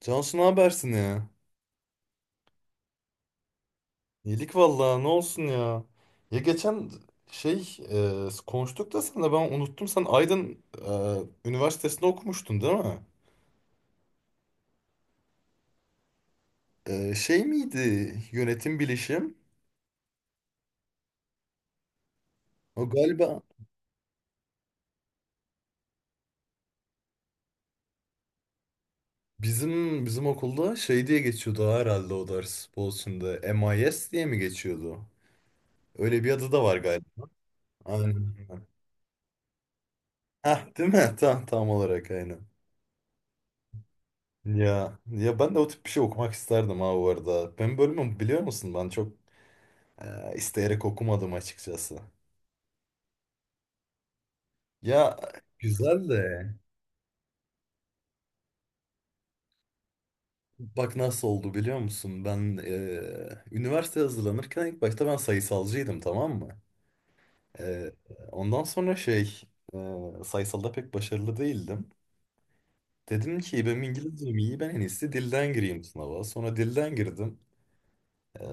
Cansu ne habersin ya? İyilik vallahi ne olsun ya. Ya geçen şey konuştuk da sen de ben unuttum. Sen Aydın Üniversitesi'nde okumuştun değil mi? Şey miydi yönetim bilişim? O galiba bizim okulda şey diye geçiyordu herhalde o ders Boğaziçi'nde. MIS diye mi geçiyordu? Öyle bir adı da var galiba. Aynen. Heh, değil mi? Tam, tam olarak aynen. Ya ben de o tip bir şey okumak isterdim ha bu arada. Benim bölümüm biliyor musun? Ben çok isteyerek okumadım açıkçası. Ya güzel de bak nasıl oldu biliyor musun? Ben üniversite hazırlanırken ilk başta ben sayısalcıydım, tamam mı? Eee, ondan sonra şey sayısalda pek başarılı değildim. Dedim ki benim İngilizcem iyi, ben en iyisi dilden gireyim sınava. Sonra dilden girdim. Eee,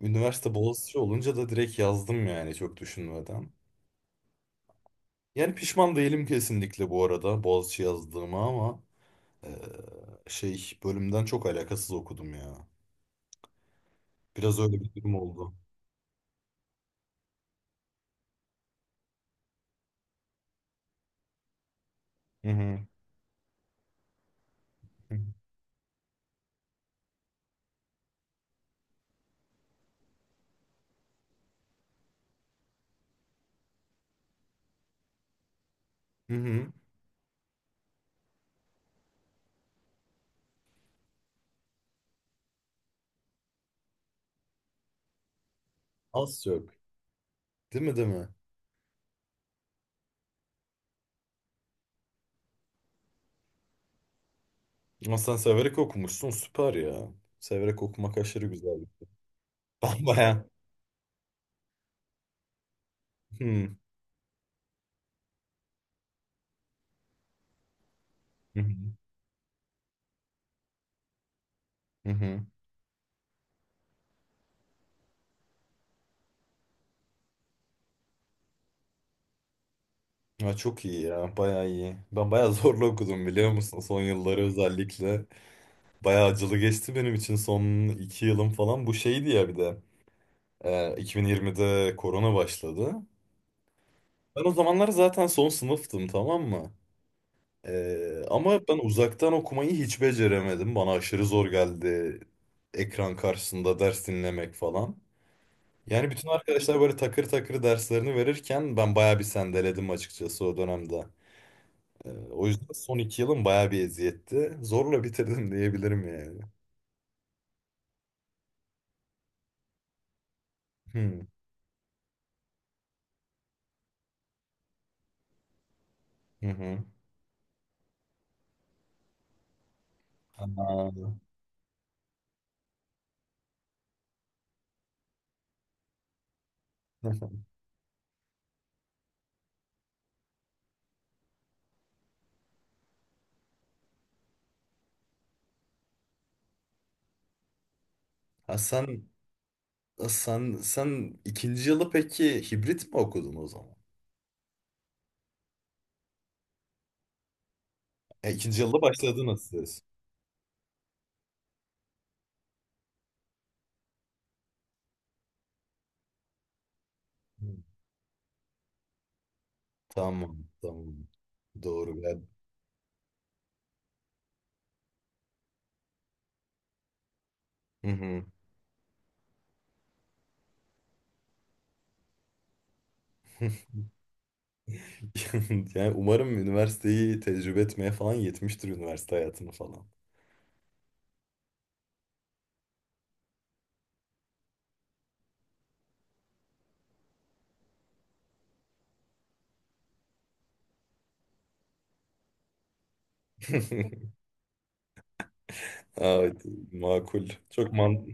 üniversite Boğaziçi olunca da direkt yazdım yani, çok düşünmeden. Yani pişman değilim kesinlikle bu arada Boğaziçi yazdığıma, ama... Ee, şey bölümden çok alakasız okudum ya. Biraz öyle bir durum oldu. Hı hı. Hı hı. Az çok. Değil mi, değil mi? Ama sen severek okumuşsun, süper ya. Severek okumak aşırı güzel bir şey. Ben baya... Hı hı. Hı. Hı hı. Ya çok iyi ya, baya iyi. Ben baya zorla okudum biliyor musun? Son yılları özellikle. Baya acılı geçti benim için son iki yılım falan. Bu şeydi ya bir de. 2020'de korona başladı. Ben o zamanlar zaten son sınıftım, tamam mı? Ama ben uzaktan okumayı hiç beceremedim. Bana aşırı zor geldi ekran karşısında ders dinlemek falan. Yani bütün arkadaşlar böyle takır takır derslerini verirken ben bayağı bir sendeledim açıkçası o dönemde. O yüzden son iki yılım bayağı bir eziyetti. Zorla bitirdim diyebilirim yani. Hmm. Hı hı. Aa. Ha, sen ikinci yılı peki hibrit mi okudun o zaman? İkinci yılda başladınız siz. Hı. Tamam, tamam. Doğru. Hı hı. Yani umarım üniversiteyi tecrübe etmeye falan yetmiştir, üniversite hayatını falan. Aa, evet, makul. Çok man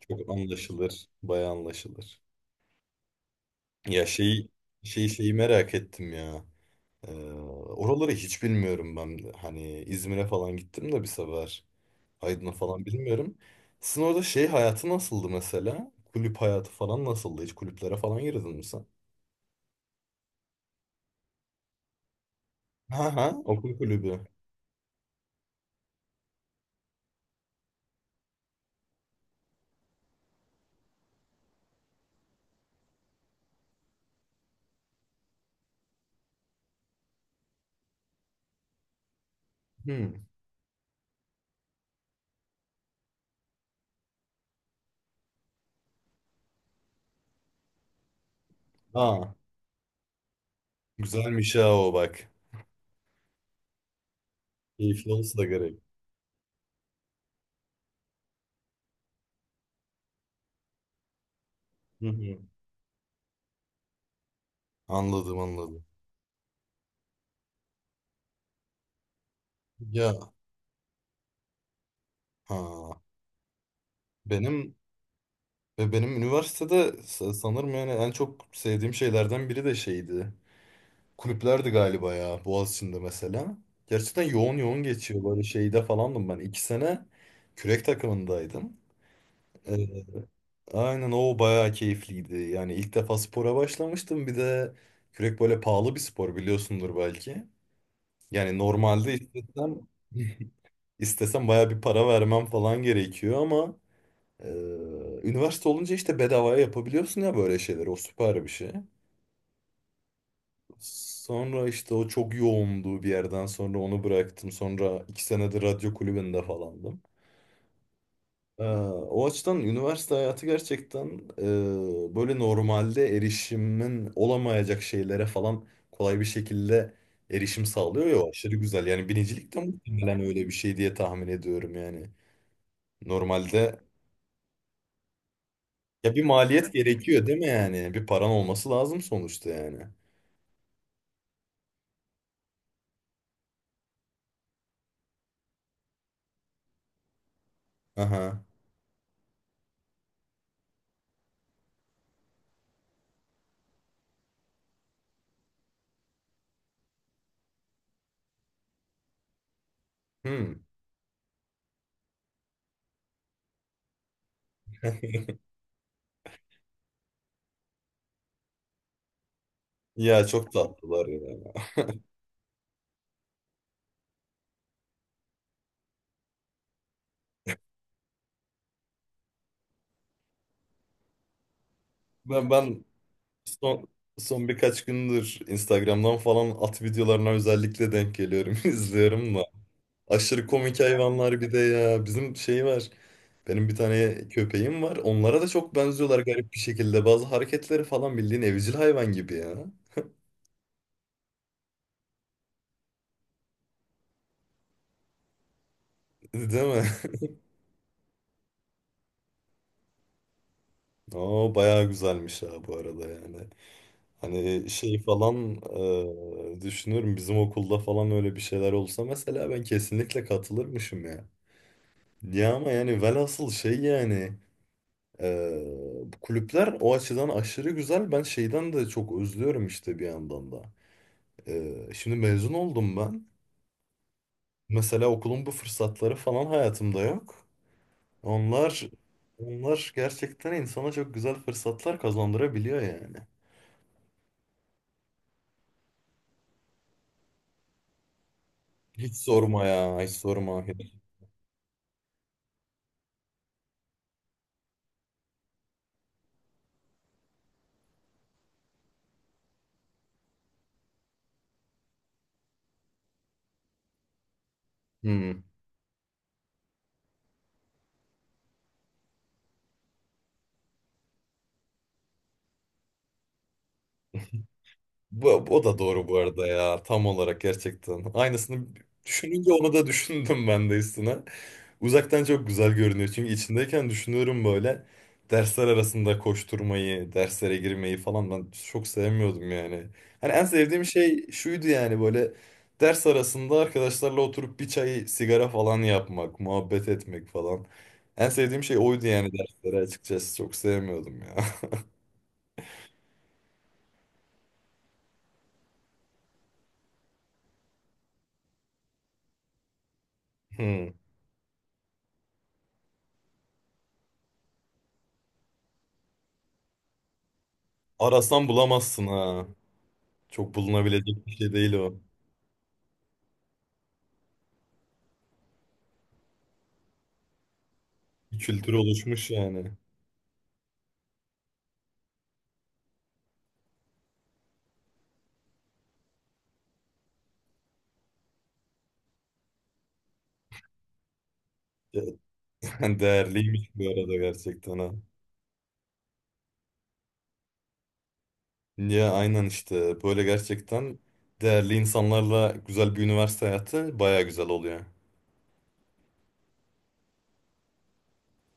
çok anlaşılır. Bayağı anlaşılır. Ya şey şeyi merak ettim ya. Ee, oraları hiç bilmiyorum ben de. Hani İzmir'e falan gittim de bir sefer. Aydın'a falan bilmiyorum. Sizin orada şey hayatı nasıldı mesela? Kulüp hayatı falan nasıldı? Hiç kulüplere falan girdin mi sen? Ha ha, okul kulübü. Hmm. Aa. Güzelmiş ha o, bak. Keyifli olsa da gerek. Hı hı. Anladım, anladım. Ya ha, benim benim üniversitede sanırım yani en çok sevdiğim şeylerden biri de şeydi. Kulüplerdi galiba ya, Boğaziçi'nde mesela. Gerçekten yoğun yoğun geçiyor, böyle şeyde falandım ben. 2 sene kürek takımındaydım. Ee, aynen o bayağı keyifliydi. Yani ilk defa spora başlamıştım. Bir de kürek böyle pahalı bir spor, biliyorsundur belki. Yani normalde istesem İstesem baya bir para vermem falan gerekiyor, ama e, üniversite olunca işte bedavaya yapabiliyorsun ya böyle şeyleri. O süper bir şey. Sonra işte o çok yoğundu, bir yerden sonra onu bıraktım. Sonra iki senedir radyo kulübünde falandım. E, o açıdan üniversite hayatı gerçekten böyle normalde erişimin olamayacak şeylere falan kolay bir şekilde erişim sağlıyor ya, o aşırı güzel. Yani binicilik de muhtemelen öyle bir şey diye tahmin ediyorum yani. Normalde ya bir maliyet gerekiyor değil mi yani? Bir paran olması lazım sonuçta yani. Aha. Hmm. Ya çok tatlılar ya. Ben son son birkaç gündür Instagram'dan falan at videolarına özellikle denk geliyorum, izliyorum da. Aşırı komik hayvanlar bir de ya. Bizim şey var. Benim bir tane köpeğim var. Onlara da çok benziyorlar garip bir şekilde. Bazı hareketleri falan bildiğin evcil hayvan gibi ya. Değil mi? Oo, bayağı güzelmiş ha bu arada yani. Hani şey falan düşünüyorum bizim okulda falan öyle bir şeyler olsa mesela ben kesinlikle katılırmışım ya. Ya ama yani velhasıl şey yani bu kulüpler o açıdan aşırı güzel. Ben şeyden de çok özlüyorum işte bir yandan da. Şimdi mezun oldum ben. Mesela okulun bu fırsatları falan hayatımda yok. Onlar onlar gerçekten insana çok güzel fırsatlar kazandırabiliyor yani. Hiç sorma ya, hiç sorma. Hmm. Bu, o da doğru bu arada ya. Tam olarak, gerçekten. Aynısını düşününce onu da düşündüm ben de üstüne. Uzaktan çok güzel görünüyor. Çünkü içindeyken düşünüyorum böyle. Dersler arasında koşturmayı, derslere girmeyi falan ben çok sevmiyordum yani. Hani en sevdiğim şey şuydu yani, böyle ders arasında arkadaşlarla oturup bir çay, sigara falan yapmak, muhabbet etmek falan. En sevdiğim şey oydu yani, derslere açıkçası çok sevmiyordum ya. Hmm. Arasan bulamazsın ha. Çok bulunabilecek bir şey değil o. Bir kültür oluşmuş yani. Ya, değerliymiş bu arada, gerçekten ha. Ya aynen işte, böyle gerçekten değerli insanlarla güzel bir üniversite hayatı baya güzel oluyor.